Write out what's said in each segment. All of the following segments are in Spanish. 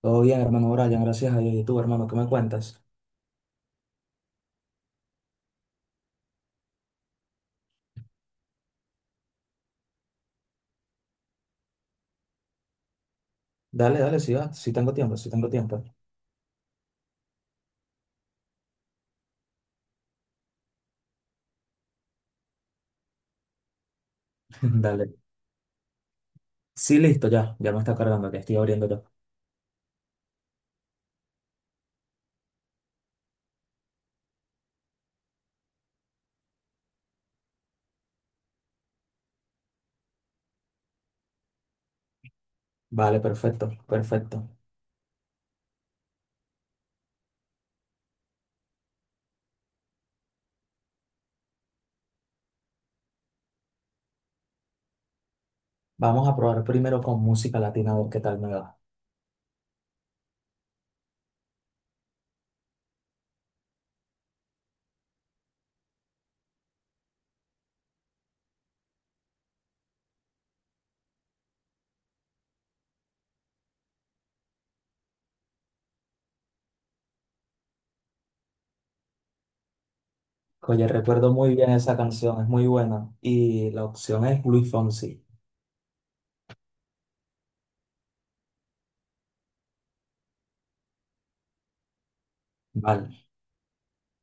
Todo bien, hermano Brian, gracias a Dios. ¿Y tú, hermano, qué me cuentas? Dale, dale, sí, va, sí tengo tiempo, sí tengo tiempo. Dale. Sí, listo, ya, ya me está cargando, que estoy abriendo yo. Vale, perfecto, perfecto. Vamos a probar primero con música latina, a ver qué tal me va. Oye, recuerdo muy bien esa canción, es muy buena. Y la opción es Luis Fonsi. Vale,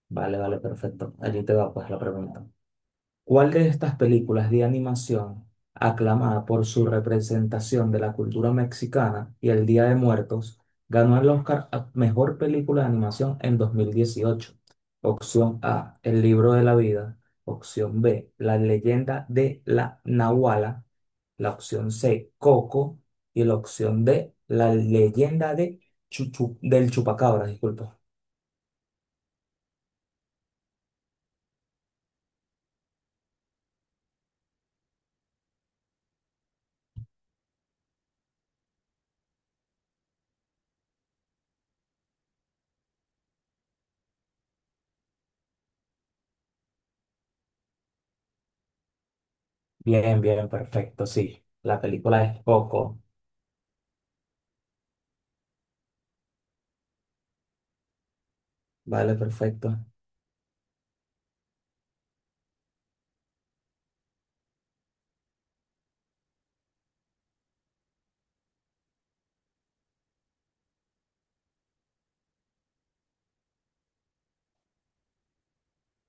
vale, vale, perfecto. Allí te va, pues, la pregunta. ¿Cuál de estas películas de animación, aclamada por su representación de la cultura mexicana y el Día de Muertos, ganó el Oscar a Mejor Película de Animación en 2018? Opción A, El libro de la vida. Opción B, La leyenda de la Nahuala. La opción C, Coco. Y la opción D, La leyenda de del Chupacabra, disculpa. Bien, bien, perfecto, sí. La película es Coco. Vale, perfecto.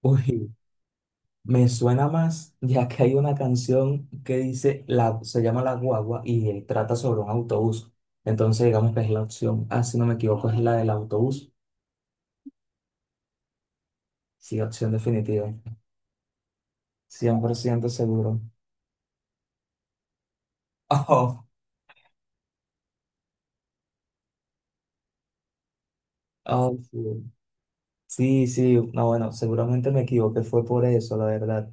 Uy. Me suena más, ya que hay una canción que dice, la, se llama La Guagua y él trata sobre un autobús. Entonces, digamos que es la opción, ah, si no me equivoco, es la del autobús. Sí, opción definitiva. Cien por ciento seguro. Oh, oh, sí. Sí, sí, no, bueno, seguramente me equivoqué, fue por eso, la verdad.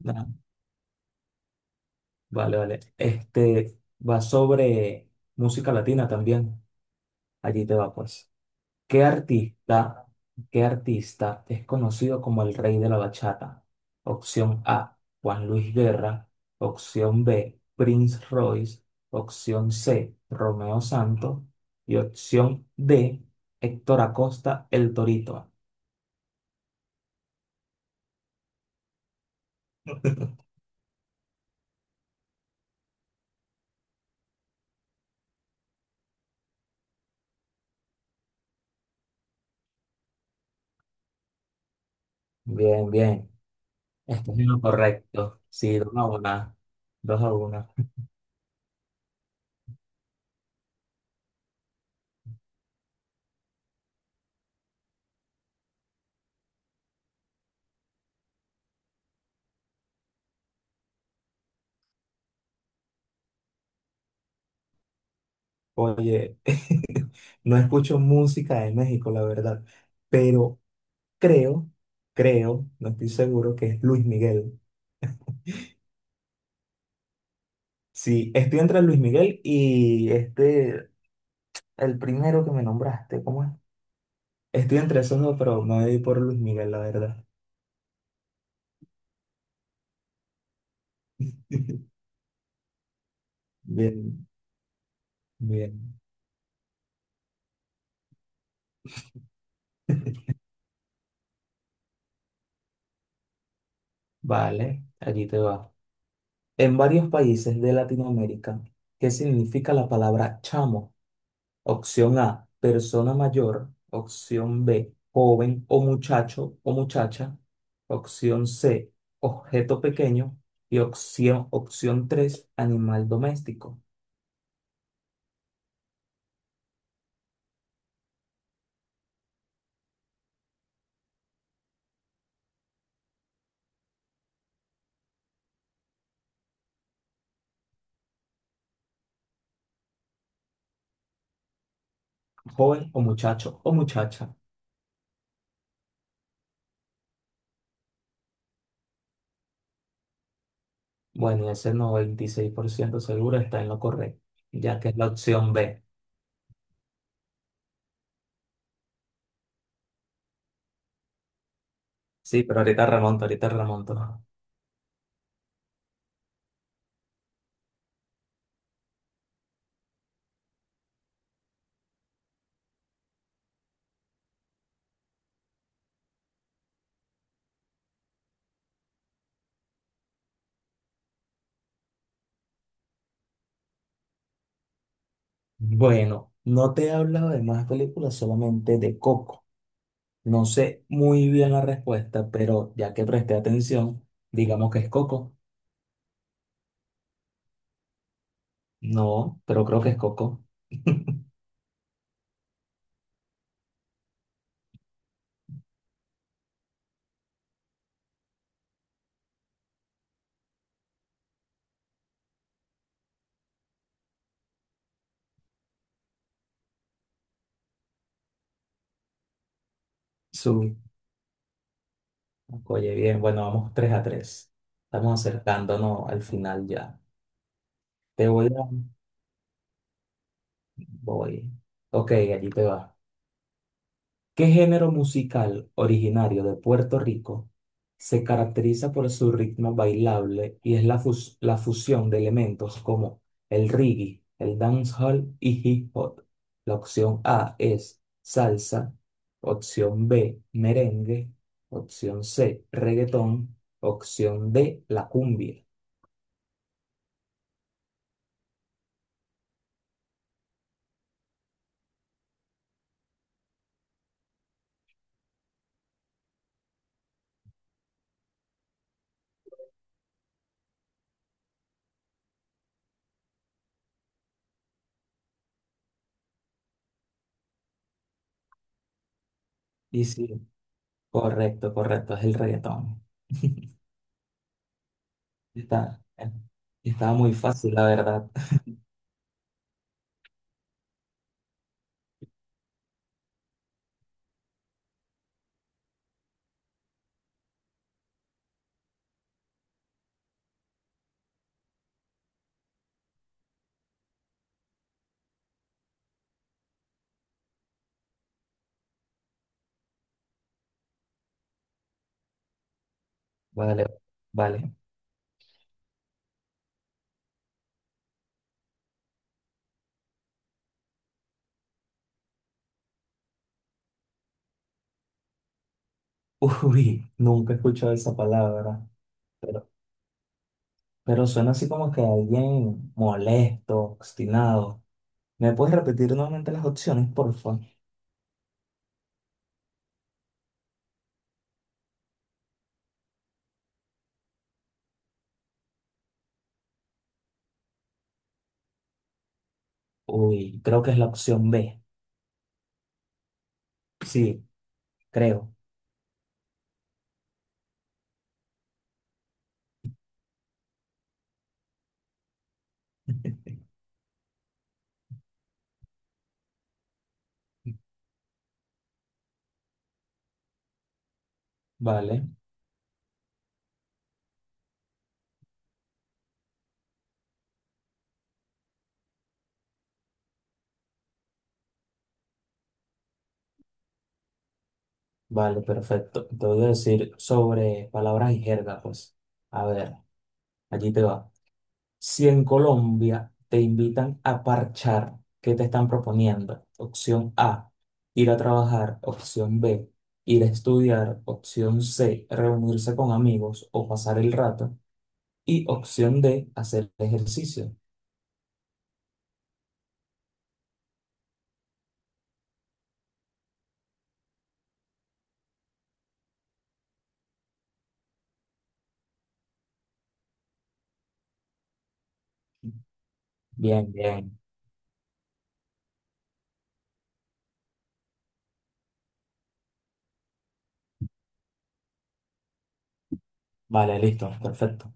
No, vale, vale. Este va sobre música latina también. Allí te va, pues. ¿Qué artista, qué artista es conocido como el rey de la bachata? Opción A, Juan Luis Guerra. Opción B, Prince Royce. Opción C, Romeo Santos. Y opción D, Héctor Acosta, El Torito. Bien, bien. Esto es lo correcto. Sí, dos a una. Dos a una. Oye, no escucho música de México, la verdad, pero creo, creo, no estoy seguro que es Luis Miguel. Sí, estoy entre Luis Miguel y este, el primero que me nombraste, ¿cómo es? Estoy entre esos dos, pero me voy por Luis Miguel, la verdad. Bien, bien. Vale, allí te va. En varios países de Latinoamérica, ¿qué significa la palabra chamo? Opción A, persona mayor. Opción B, joven o muchacho o muchacha. Opción C, objeto pequeño. Y opción 3, animal doméstico. Joven o muchacho o muchacha. Bueno, y ese 96% seguro está en lo correcto, ya que es la opción B. Sí, pero ahorita remonto, ahorita remonto. Bueno, no te he hablado de más películas, solamente de Coco. No sé muy bien la respuesta, pero ya que presté atención, digamos que es Coco. No, pero creo que es Coco. Su. Oye, bien, bueno, vamos 3 a tres. Estamos acercándonos al final ya. Te voy a... Voy. Ok, allí te va. ¿Qué género musical originario de Puerto Rico se caracteriza por su ritmo bailable y es la fusión de elementos como el reggae, el dancehall y hip hop? La opción A es salsa, opción B merengue, opción C reggaetón, opción D la cumbia. Y sí, correcto, correcto, es el reggaetón. Está, estaba muy fácil, la verdad. Vale, vale. Uy, nunca he escuchado esa palabra, pero, pero suena así como que alguien molesto, obstinado. ¿Me puedes repetir nuevamente las opciones, por favor? Uy, creo que es la opción B. Sí, creo. Vale, vale, perfecto. Te voy a decir sobre palabras y jerga, pues. A ver, allí te va. Si en Colombia te invitan a parchar, ¿qué te están proponiendo? Opción A, ir a trabajar. Opción B, ir a estudiar. Opción C, reunirse con amigos o pasar el rato. Y opción D, hacer ejercicio. Bien, bien. Vale, listo, perfecto.